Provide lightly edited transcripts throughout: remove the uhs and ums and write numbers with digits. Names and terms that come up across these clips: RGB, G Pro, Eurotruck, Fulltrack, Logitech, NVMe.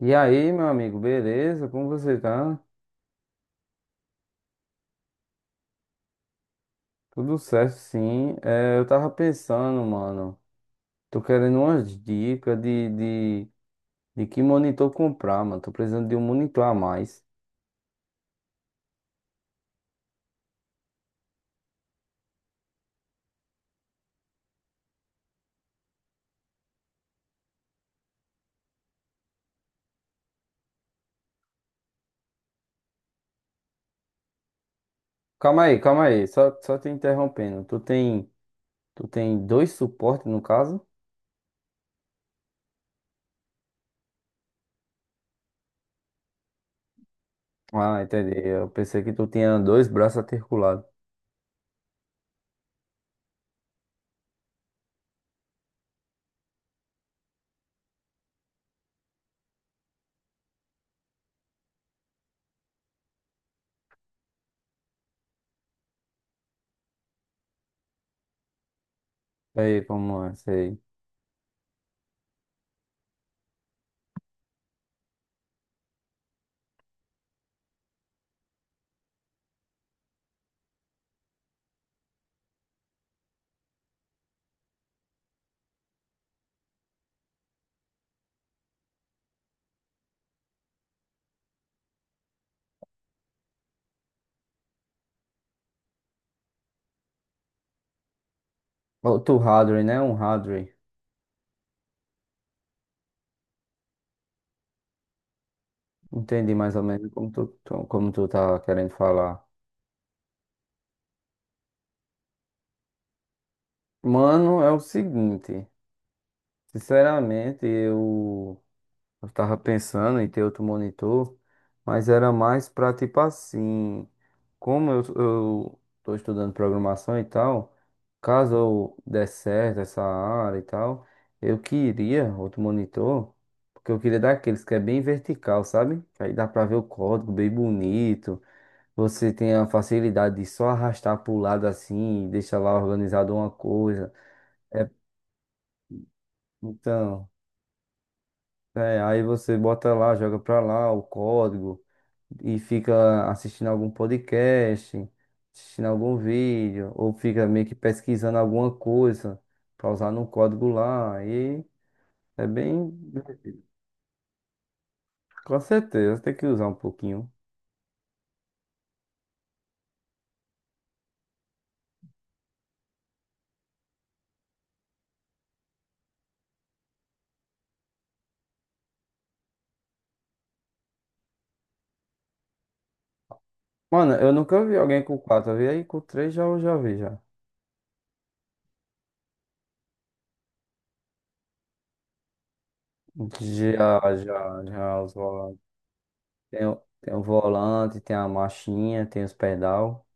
E aí, meu amigo, beleza? Como você tá? Tudo certo, sim. Eu tava pensando, mano. Tô querendo umas dicas de, de que monitor comprar, mano. Tô precisando de um monitor a mais. Calma aí, calma aí. Só te interrompendo. Tu tem dois suportes, no caso? Ah, entendi. Eu pensei que tu tinha dois braços articulados. Aí, como é? Sei. Outro hardware, né? Um hardware. Entendi mais ou menos como tu tá querendo falar. Mano, é o seguinte. Sinceramente, eu tava pensando em ter outro monitor, mas era mais pra tipo assim, como eu tô estudando programação e tal, caso eu der certo essa área e tal, eu queria outro monitor, porque eu queria daqueles que é bem vertical, sabe? Que aí dá pra ver o código bem bonito, você tem a facilidade de só arrastar pro lado assim e deixar lá organizado uma coisa. É, então. É, aí você bota lá, joga pra lá o código e fica assistindo algum podcast, assistindo algum vídeo, ou fica meio que pesquisando alguma coisa pra usar no código lá. E é bem. Com certeza, tem que usar um pouquinho. Mano, eu nunca vi alguém com quatro, eu vi aí com três, já eu já vi já. Já, já, já, os volantes. Tem, tem o volante, tem a marchinha, tem os pedal.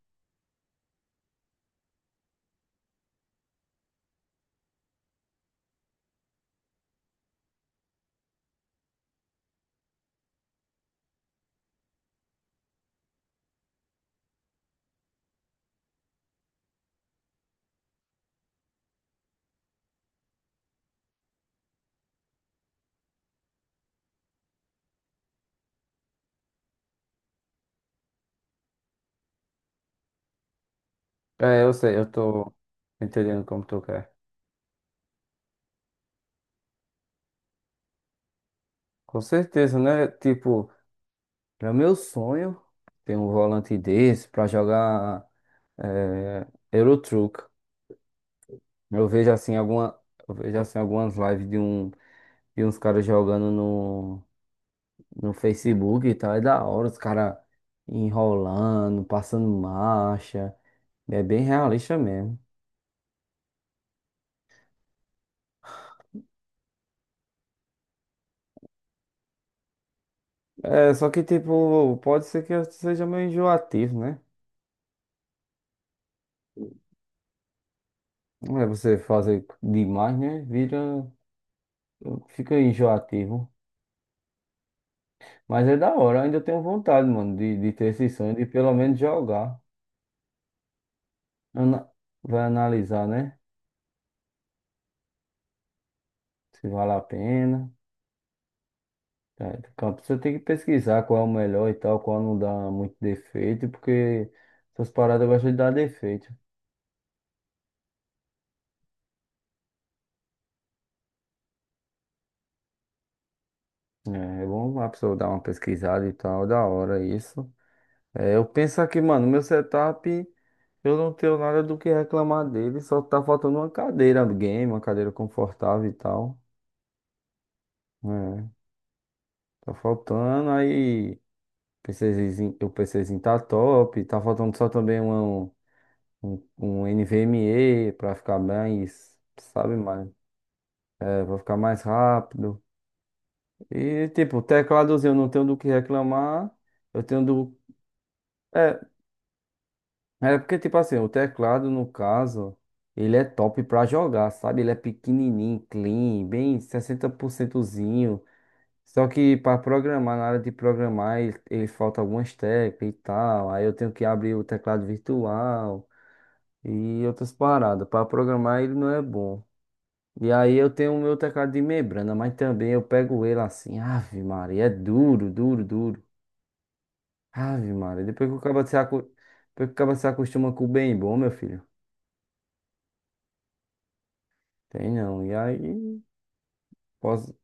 É, eu sei, eu tô entendendo como tu quer. Com certeza, né? Tipo, é meu sonho ter um volante desse pra jogar Eurotruck. Eu vejo assim alguma, eu vejo assim algumas lives de uns caras jogando no no Facebook e tal, é da hora, os caras enrolando, passando marcha. É bem realista mesmo. É, só que tipo, pode ser que seja meio enjoativo, né? Não. É, você fazer demais, né? Vira, fica enjoativo. Mas é da hora, eu ainda tenho vontade, mano, de ter esse sonho, de pelo menos jogar. Ana- Vai analisar, né? Se vale a pena. É, Campo, você tem que pesquisar qual é o melhor e tal, qual não dá muito defeito, porque essas paradas gostam de dar defeito. É, é bom a pessoa dar uma pesquisada e tal, da hora isso. É, eu penso aqui, mano, meu setup, eu não tenho nada do que reclamar dele, só tá faltando uma cadeira um game, uma cadeira confortável e tal. É, tá faltando aí. PCzinho, o PCzinho tá top. Tá faltando só também uma, um, um um NVMe pra ficar mais, sabe, pra ficar mais rápido. E tipo, o tecladozinho eu não tenho do que reclamar. Eu tenho do. É, é porque, tipo assim, o teclado, no caso, ele é top pra jogar, sabe? Ele é pequenininho, clean, bem 60%zinho. Só que para programar, na hora de programar, ele falta algumas teclas e tal. Aí eu tenho que abrir o teclado virtual e outras paradas. Para programar ele não é bom. E aí eu tenho o meu teclado de membrana, mas também eu pego ele assim, Ave Maria, é duro, duro, duro. Ave Maria, depois que o cara se acostuma com o bem bom, meu filho. Tem não. E aí, posso...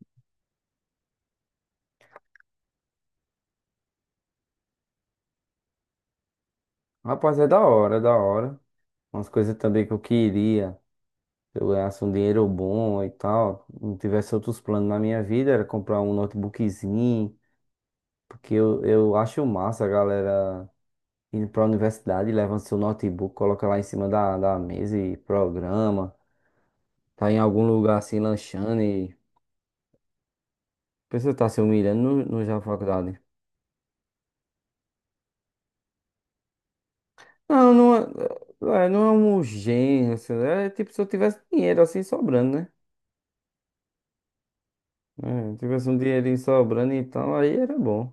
Rapaz, é da hora, é da hora. Umas coisas também que eu queria. Se eu ganhasse um dinheiro bom e tal, não tivesse outros planos na minha vida, era comprar um notebookzinho, porque eu acho massa, a galera indo para a universidade, leva seu notebook, coloca lá em cima da mesa e programa. Tá em algum lugar assim, lanchando e a pessoa tá se humilhando no já faculdade. Não, não É, não é um gênio assim. É tipo se eu tivesse dinheiro assim sobrando, né? É, tivesse um dinheirinho sobrando e tal, aí era bom.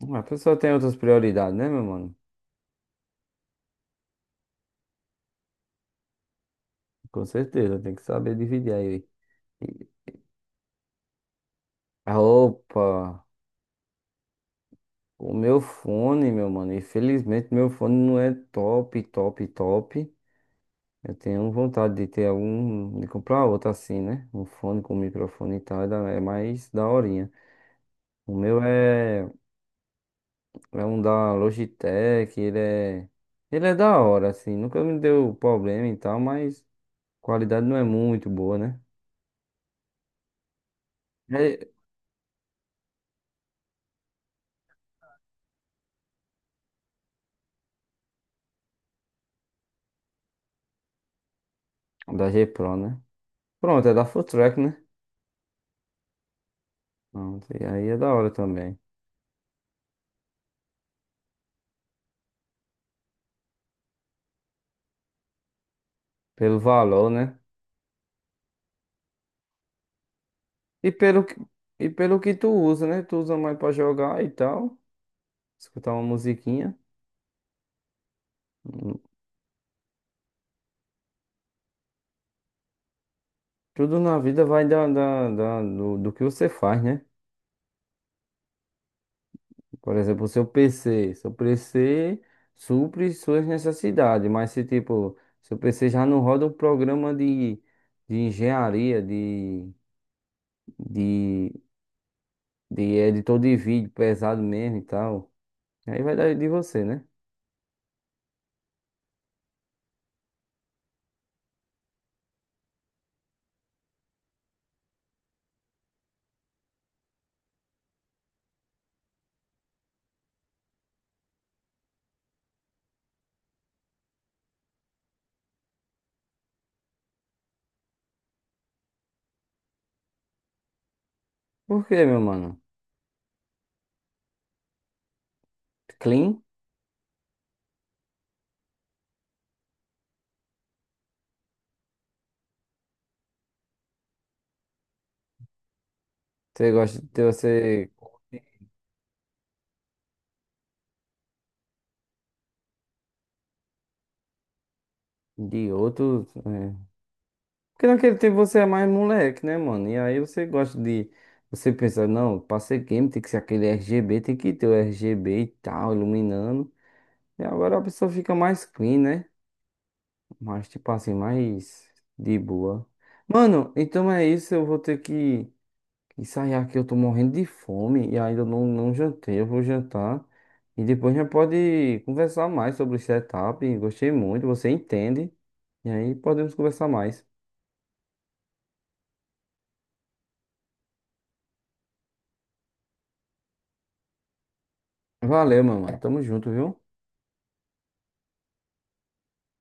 Mas a pessoa tem outras prioridades, né, meu mano? Com certeza, tem que saber dividir aí. E- Ah, opa, o meu fone, meu mano. Infelizmente, meu fone não é top, top, top. Eu tenho vontade de ter algum, de comprar outro assim, né? Um fone com microfone e tal, é mais daorinha. O meu é, é um da Logitech, ele é da hora, assim, nunca me deu problema e tal, mas a qualidade não é muito boa, né? É da G Pro, né? Pronto, é da Fulltrack, né? Pronto, e aí é da hora também. Pelo valor, né? E pelo, que- e pelo que tu usa, né? Tu usa mais pra jogar e tal, escutar uma musiquinha. Tudo na vida vai do que você faz, né? Por exemplo, o seu PC. Seu PC supre suas necessidades, mas se tipo, seu PC já não roda um programa de engenharia, de, de editor de vídeo pesado mesmo e tal, aí vai dar de você, né? Por quê, meu mano? Clean? Você gosta de ter, você de outros. É, porque naquele tempo você é mais moleque, né, mano? E aí você gosta de. Você pensa, não, pra ser game tem que ser aquele RGB, tem que ter o RGB e tal, iluminando. E agora a pessoa fica mais clean, né? Mais, tipo assim, mais de boa. Mano, então é isso, eu vou ter que ensaiar aqui. Eu tô morrendo de fome e ainda não jantei, eu vou jantar. E depois a gente pode conversar mais sobre o setup. Gostei muito, você entende. E aí podemos conversar mais. Valeu, meu mano. Tamo junto, viu?